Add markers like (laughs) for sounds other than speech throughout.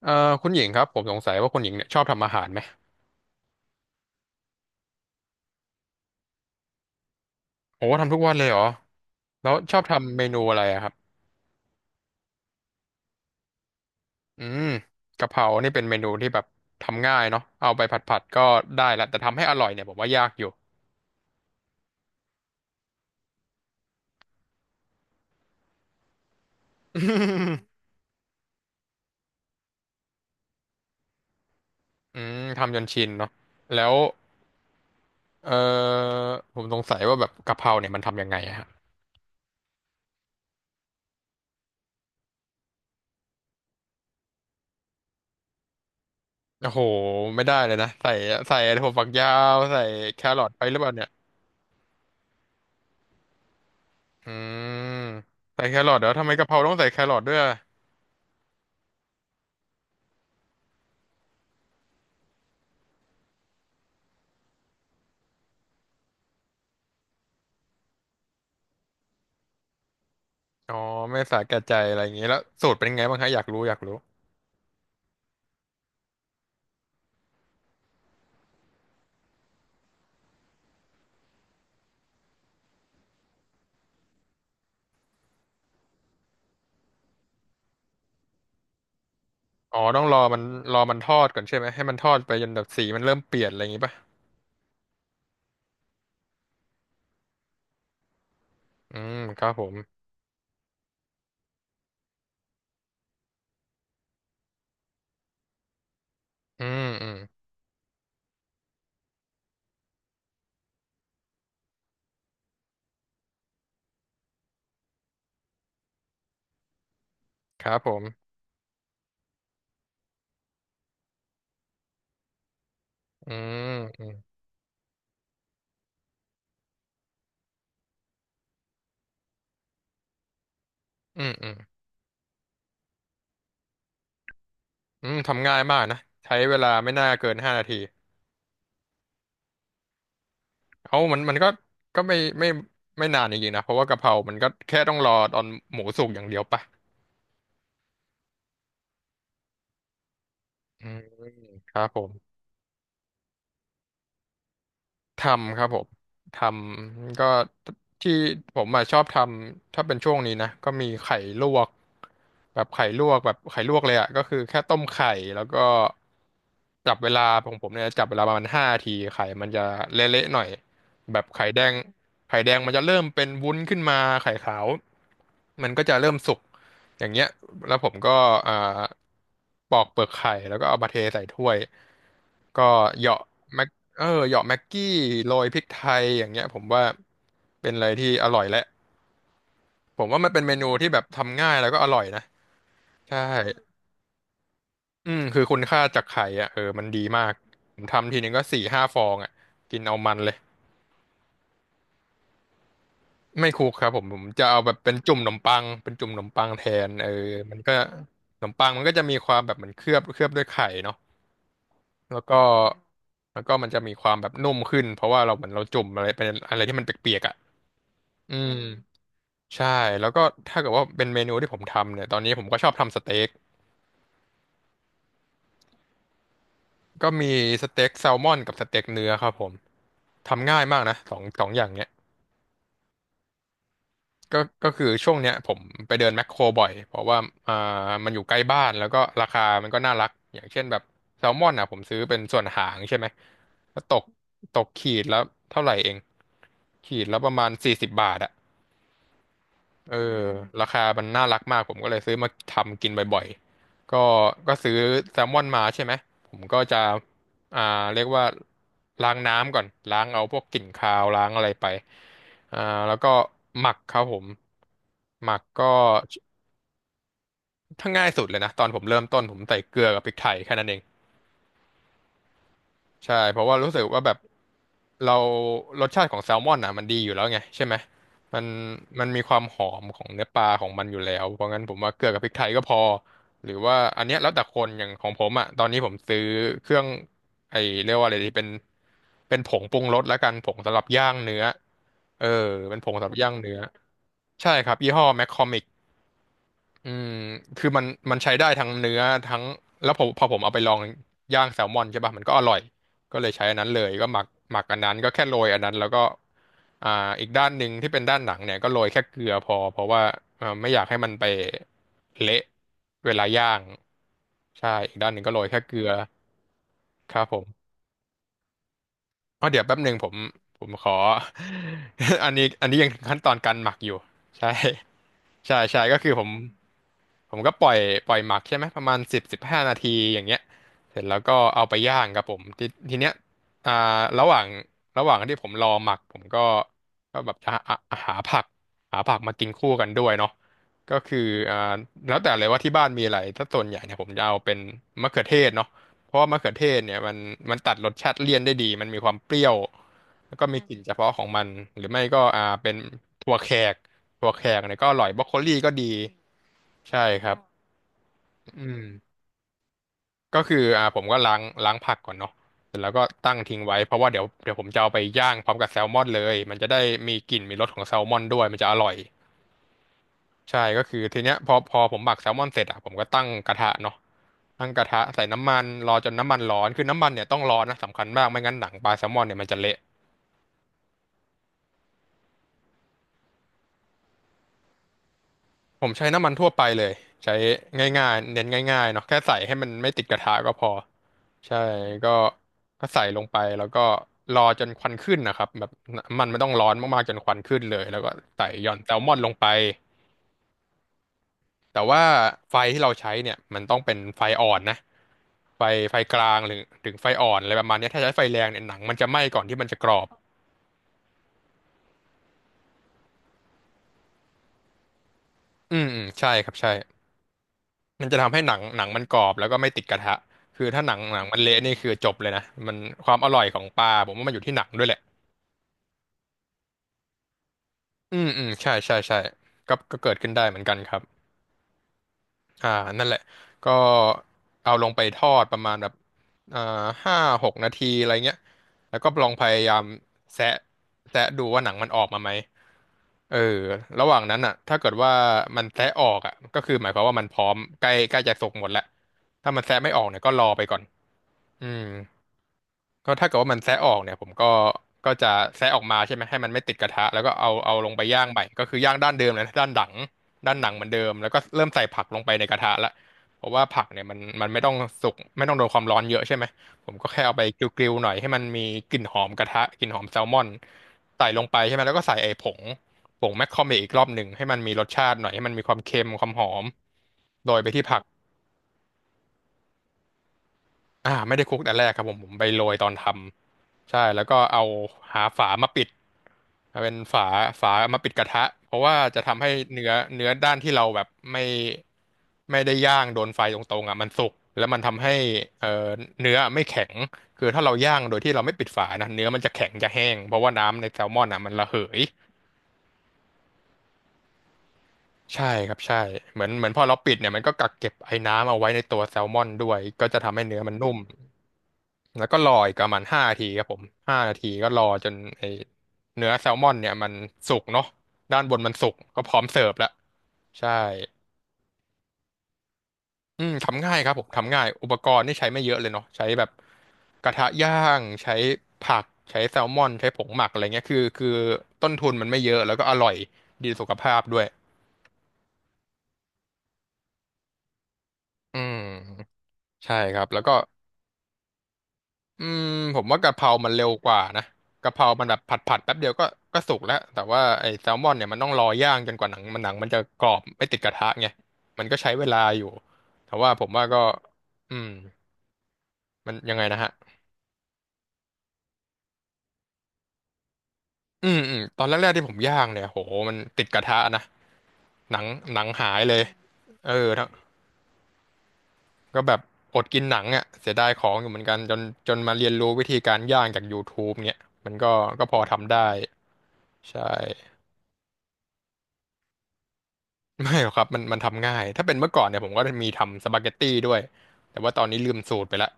เอ่อคุณหญิงครับผมสงสัยว่าคุณหญิงเนี่ยชอบทำอาหารไหมโอ้ทำทุกวันเลยเหรอแล้วชอบทำเมนูอะไรอะครับอืมกะเพรานี่เป็นเมนูที่แบบทำง่ายเนาะเอาไปผัดผัดก็ได้ละแต่ทำให้อร่อยเนี่ยผมว่ายากอยู่อืมทำจนชินเนาะแล้วเอ่อผมสงสัยว่าแบบกะเพราเนี่ยมันทำยังไงอะฮะโอ้โหไม่ได้เลยนะใส่ถั่วฝักยาวใส่แครอทไปหรือเปล่าเนี่ยอืมใส่แครอทเหรอทำไมกะเพราต้องใส่แครอทด้วยอะ อ๋อไม่สาแก่ใจอะไรอย่างงี้แล้วสูตรเป็นไงบ้างคะอยากรู้อยากรู้อ๋อต้องรอมันทอดก่อนใช่ไหมให้มันทอดไปจนแบบสีมันเริ่มเปลี่ยนอะไรอย่างงี้ป่ะอืมครับผมอืมอืมครับผมอืมอืมอืมอืมอืมทำง่ายมากนะใช้เวลาไม่น่าเกินห้านาทีเอ้ามันก็ก็ไม่ไม่นานจริงๆนะเพราะว่ากะเพรามันก็แค่ต้องรอตอนหมูสุกอย่างเดียวป่ะอืมครับผม ทำครับผมทำก็ที่ผมอะชอบทำถ้าเป็นช่วงนี้นะก็มีไข่ลวกแบบไข่ลวกเลยอ่ะก็คือแค่ต้มไข่แล้วก็จับเวลาของผมเนี่ยจับเวลาประมาณห้าทีไข่มันจะเละๆหน่อยแบบไข่แดงไข่แดงมันจะเริ่มเป็นวุ้นขึ้นมาไข่ขาวมันก็จะเริ่มสุกอย่างเงี้ยแล้วผมก็อ่าปอกเปลือกไข่แล้วก็เอามาเทใส่ถ้วยก็เหยาะ เออเหยาะแม็กกี้โรยพริกไทยอย่างเงี้ยผมว่าเป็นอะไรที่อร่อยและผมว่ามันเป็นเมนูที่แบบทำง่ายแล้วก็อร่อยนะใช่อืมคือคุณค่าจากไข่อ่ะเออมันดีมากผมทำทีนึงก็4-5 ฟองอ่ะกินเอามันเลยไม่คลุกครับผมผมจะเอาแบบเป็นจุ่มขนมปังเป็นจุ่มขนมปังแทนเออมันก็ขนมปังมันก็จะมีความแบบเหมือนเคลือบด้วยไข่เนาะแล้วก็มันจะมีความแบบนุ่มขึ้นเพราะว่าเราเหมือนเราจุ่มอะไรเป็นอะไรที่มันเปียกๆอ่ะอืม ใช่แล้วก็ถ้าเกิดว่าเป็นเมนูที่ผมทำเนี่ยตอนนี้ผมก็ชอบทำสเต็กก็มีสเต็กแซลมอนกับสเต็กเนื้อครับผมทำง่ายมากนะสองอย่างเนี้ยก็ก็คือช่วงเนี้ยผมไปเดินแมคโครบ่อยเพราะว่าอ่ามันอยู่ใกล้บ้านแล้วก็ราคามันก็น่ารักอย่างเช่นแบบแซลมอนอ่ะผมซื้อเป็นส่วนหางใช่ไหมก็ตกขีดแล้วเท่าไหร่เองขีดแล้วประมาณ40 บาทอะ เออราคามันน่ารักมากผมก็เลยซื้อมาทำกินบ่อยๆ ก็ก็ซื้อแซลมอนมาใช่ไหมผมก็จะอ่าเรียกว่าล้างน้ำก่อนล้างเอาพวกกลิ่นคาวล้างอะไรไปอ่าแล้วก็หมักครับผมหมักก็ถ้าง่ายสุดเลยนะตอนผมเริ่มต้นผมใส่เกลือกับพริกไทยแค่นั้นเอง ใช่เพราะว่ารู้สึกว่าแบบเรารสชาติของแซลมอนอ่ะมันดีอยู่แล้วไงใช่ไหมมันมันมีความหอมของเนื้อปลาของมันอยู่แล้วเพราะงั้นผมว่าเกลือกับพริกไทยก็พอหรือว่าอันเนี้ยแล้วแต่คนอย่างของผมอ่ะตอนนี้ผมซื้อเครื่องไอเรียกว่าอะไรดีเป็นผงปรุงรสแล้วกันผงสำหรับย่างเนื้อเออเป็นผงสำหรับย่างเนื้อใช่ครับยี่ห้อแมคคอมิ อืมคือมันใช้ได้ทั้งเนื้อทั้งแล้วผมพอผมเอาไปลองย่างแซลมอนใช่ป่ะมันก็อร่อยก็เลยใช้อันนั้นเลยก็หมักอันนั้นก็แค่โรยอันนั้นแล้วก็อ่าอีกด้านหนึ่งที่เป็นด้านหนังเนี่ยก็โรยแค่เกลือพอเพราะว่าไม่อยากให้มันไปเละเวลาย่างใช่อีกด้านหนึ่งก็โรยแค่เกลือครับผม อ๋อเดี๋ยวแป๊บหนึ่งผมผมขอ (laughs) อันนี้ยังขั้นตอนการหมักอยู่ใช่ (laughs) ใช่ใช่ก็คือผมผมก็ปล่อยหมักใช่ไหมประมาณสิบห้านาทีอย่างเงี้ยเสร็จแล้วก็เอาไปย่างครับผมทีเนี้ยอ่าระหว่างที่ผมรอหมักผมก็ก็แบบจะหาหาผักผักมากินคู่กันด้วยเนาะก็คืออ่าแล้วแต่เลยว่าที่บ้านมีอะไรถ้าส่วนใหญ่เนี่ยผมจะเอาเป็นมะเขือเทศเนาะ เพราะว่ามะเขือเทศเนี่ยมันตัดรสชาติเลี่ยนได้ดีมันมีความเปรี้ยวแล้วก็มีกลิ่นเฉพาะของมันหรือไม่ก็เป็นถั่วแขกถั่วแขกเนี่ยก็อร่อยบรอกโคลี่ก็ดีใช่ครับอืมก็คือผมก็ล้างผักก่อนเนาะเสร็จแล้วก็ตั้งทิ้งไว้เพราะว่าเดี๋ยวผมจะเอาไปย่างพร้อมกับแซลมอนเลยมันจะได้มีกลิ่นมีรสของแซลมอนด้วยมันจะอร่อย ใช่ก็คือทีเนี้ยพอผมหมักแซลมอนเสร็จอ่ะผมก็ตั้งกระทะเนาะตั้งกระทะใส่น้ำมันรอจนน้ำมันร้อนคือน้ำมันเนี่ยต้องร้อนนะสำคัญมากไม่งั้นหนังปลาแซลมอนเนี่ยมันจะเละผมใช้น้ำมันทั่วไปเลยใช้ง่ายๆเน้นง่ายๆเนาะแค่ใส่ให้มันไม่ติดกระทะก็พอใช่ก็ใส่ลงไปแล้วก็รอจนควันขึ้นนะครับแบบน้ำมันไม่ต้องร้อนมากๆจนควันขึ้นเลยแล้วก็ใส่หย่อนแซลมอนลงไป แต่ว่าไฟที่เราใช้เนี่ยมันต้องเป็นไฟอ่อนนะไฟไฟกลางหรือถึงไฟอ่อนอะไรประมาณเนี้ยถ้าใช้ไฟแรงเนี่ยหนังมันจะไหม้ก่อนที่มันจะกรอบอืมอืมใช่ครับใช่มันจะทำให้หนังมันกรอบแล้วก็ไม่ติดกระทะคือถ้าหนังมันเละนี่คือจบเลยนะมันความอร่อยของปลาผมว่ามันอยู่ที่หนังด้วยแหละอืมอืมใช่ใช่ใช่ก็เกิดขึ้นได้เหมือนกันครับ อ่านั่นแหละ ก็เอาลงไปทอดประมาณแบบอ่าห้าหกนาทีอะไรเงี้ยแล้วก็ลองพยายามแซะแซะดูว่าหนังมันออกมาไหมเออระหว่างนั้นอ่ะถ้าเกิดว่ามันแซะออกอ่ะก็คือหมายความว่ามันพร้อมใกล้ใกล้จะสุกหมดแล้วถ้ามันแซะไม่ออกเนี่ยก็รอไปก่อนอืม ก็ถ้าเกิดว่ามันแซะออกเนี่ยผมก็จะแซะออกมาใช่ไหมให้มันไม่ติดกระทะแล้วก็เอาลงไปย่างใหม่ก็คือย่างด้านเดิมเลยนะด้านหลังด้านหนังเหมือนเดิมแล้วก็เริ่มใส่ผักลงไปในกระทะละเพราะว่าผักเนี่ยมันไม่ต้องสุกไม่ต้องโดนความร้อนเยอะใช่ไหมผมก็แค่เอาไปกริลๆหน่อยให้มันมีกลิ่นหอมกระทะกลิ่นหอมแซลมอนใส่ลงไปใช่ไหมแล้วก็ใส่ไอ้ผงแมคคอเมอีกรอบหนึ่งให้มันมีรสชาติหน่อยให้มันมีความเค็มความหอมโรยไปที่ผัก ไม่ได้คลุกแต่แรกครับผมไปโรยตอนทำใช่แล้วก็เอาหาฝามาปิดเอาเป็นฝามาปิดกระทะเพราะว่าจะทำให้เนื้อด้านที่เราแบบไม่ได้ย่างโดนไฟตรงๆอ่ะมันสุกแล้วมันทำให้เอ่อเนื้อไม่แข็งคือถ้าเราย่างโดยที่เราไม่ปิดฝานะเนื้อมันจะแข็งจะแห้งเพราะว่าน้ำในแซลมอนอ่ะมันระเหยใช่ครับใช่เหมือนพอเราปิดเนี่ยมันก็กักเก็บไอ้น้ำเอาไว้ในตัวแซลมอนด้วยก็จะทำให้เนื้อมันนุ่ม แล้วก็รออีกประมาณ5 นาทีครับผมห้านาทีก็รอจนไอเนื้อแซลมอนเนี่ยมันสุกเนาะด้านบนมันสุกก็พร้อมเสิร์ฟแล้วใช่อืมทำง่ายครับผมทำง่ายอุปกรณ์นี่ใช้ไม่เยอะเลยเนาะใช้แบบกระทะย่างใช้ผักใช้แซลมอนใช้ผงหมักอะไรเงี้ยคือต้นทุนมันไม่เยอะแล้วก็อร่อยดีสุขภาพด้วยอืมใช่ครับแล้วก็ อืมผมว่ากะเพรามันเร็วกว่านะกะเพรามันแบบผัดแป๊บเดียวก็สุกแล้วแต่ว่าไอ้แซลมอนเนี่ยมันต้องรอย่างจนกว่าหนังมันจะกรอบไม่ติดกระทะไงมันก็ใช้เวลาอยู่ แต่ว่าผมว่าก็อืมมันยังไงนะฮะอืมอืมตอนแรกๆที่ผมย่างเนี่ยโหมันติดกระทะนะหนังหนังหายเลยเออทั้งก็แบบอดกินหนังอ่ะเสียดายของอยู่เหมือนกันจนมาเรียนรู้วิธีการย่างจาก YouTube เนี่ยมันก็พอทำได้ใช่ ไม่หรอกครับมันทำง่ายถ้าเป็นเมื่อก่อนเนี่ยผมก็มีทำสปาเกตตี้ด้วยแต่ว่าตอนนี้ลืมสูตรไปละ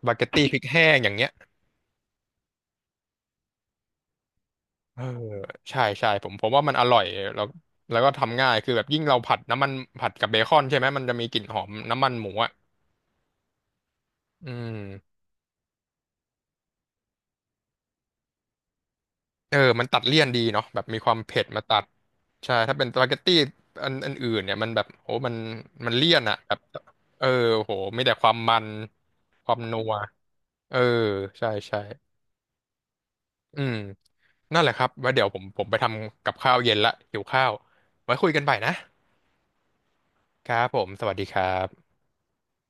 สปาเกตตี้ (laughs) พริกแห้งอย่างเงี้ยเออใช่ใช่ผมว่ามันอร่อยแล้วแล้วก็ทำง่ายคือแบบยิ่งเราผัดน้ำมันผัดกับเบคอนใช่ไหมมันจะมีกลิ่นหอมน้ำมันหมูอ่ะอืมเออมันตัดเลี่ยนดีเนาะแบบมีความเผ็ดมาตัดใช่ถ้าเป็นสปาเกตตี้อันอื่นเนี่ยมันแบบโหมันเลี่ยนอ่ะแบบเออโหมีแต่ความมันความนัวเออใช่ใช่อืม นั่นแหละครับไว่าเดี๋ยวผมไปทำกับข้าวเย็นละหิวข้าวไว้คุยกันใหม่นะครับผมสวัสดีครับ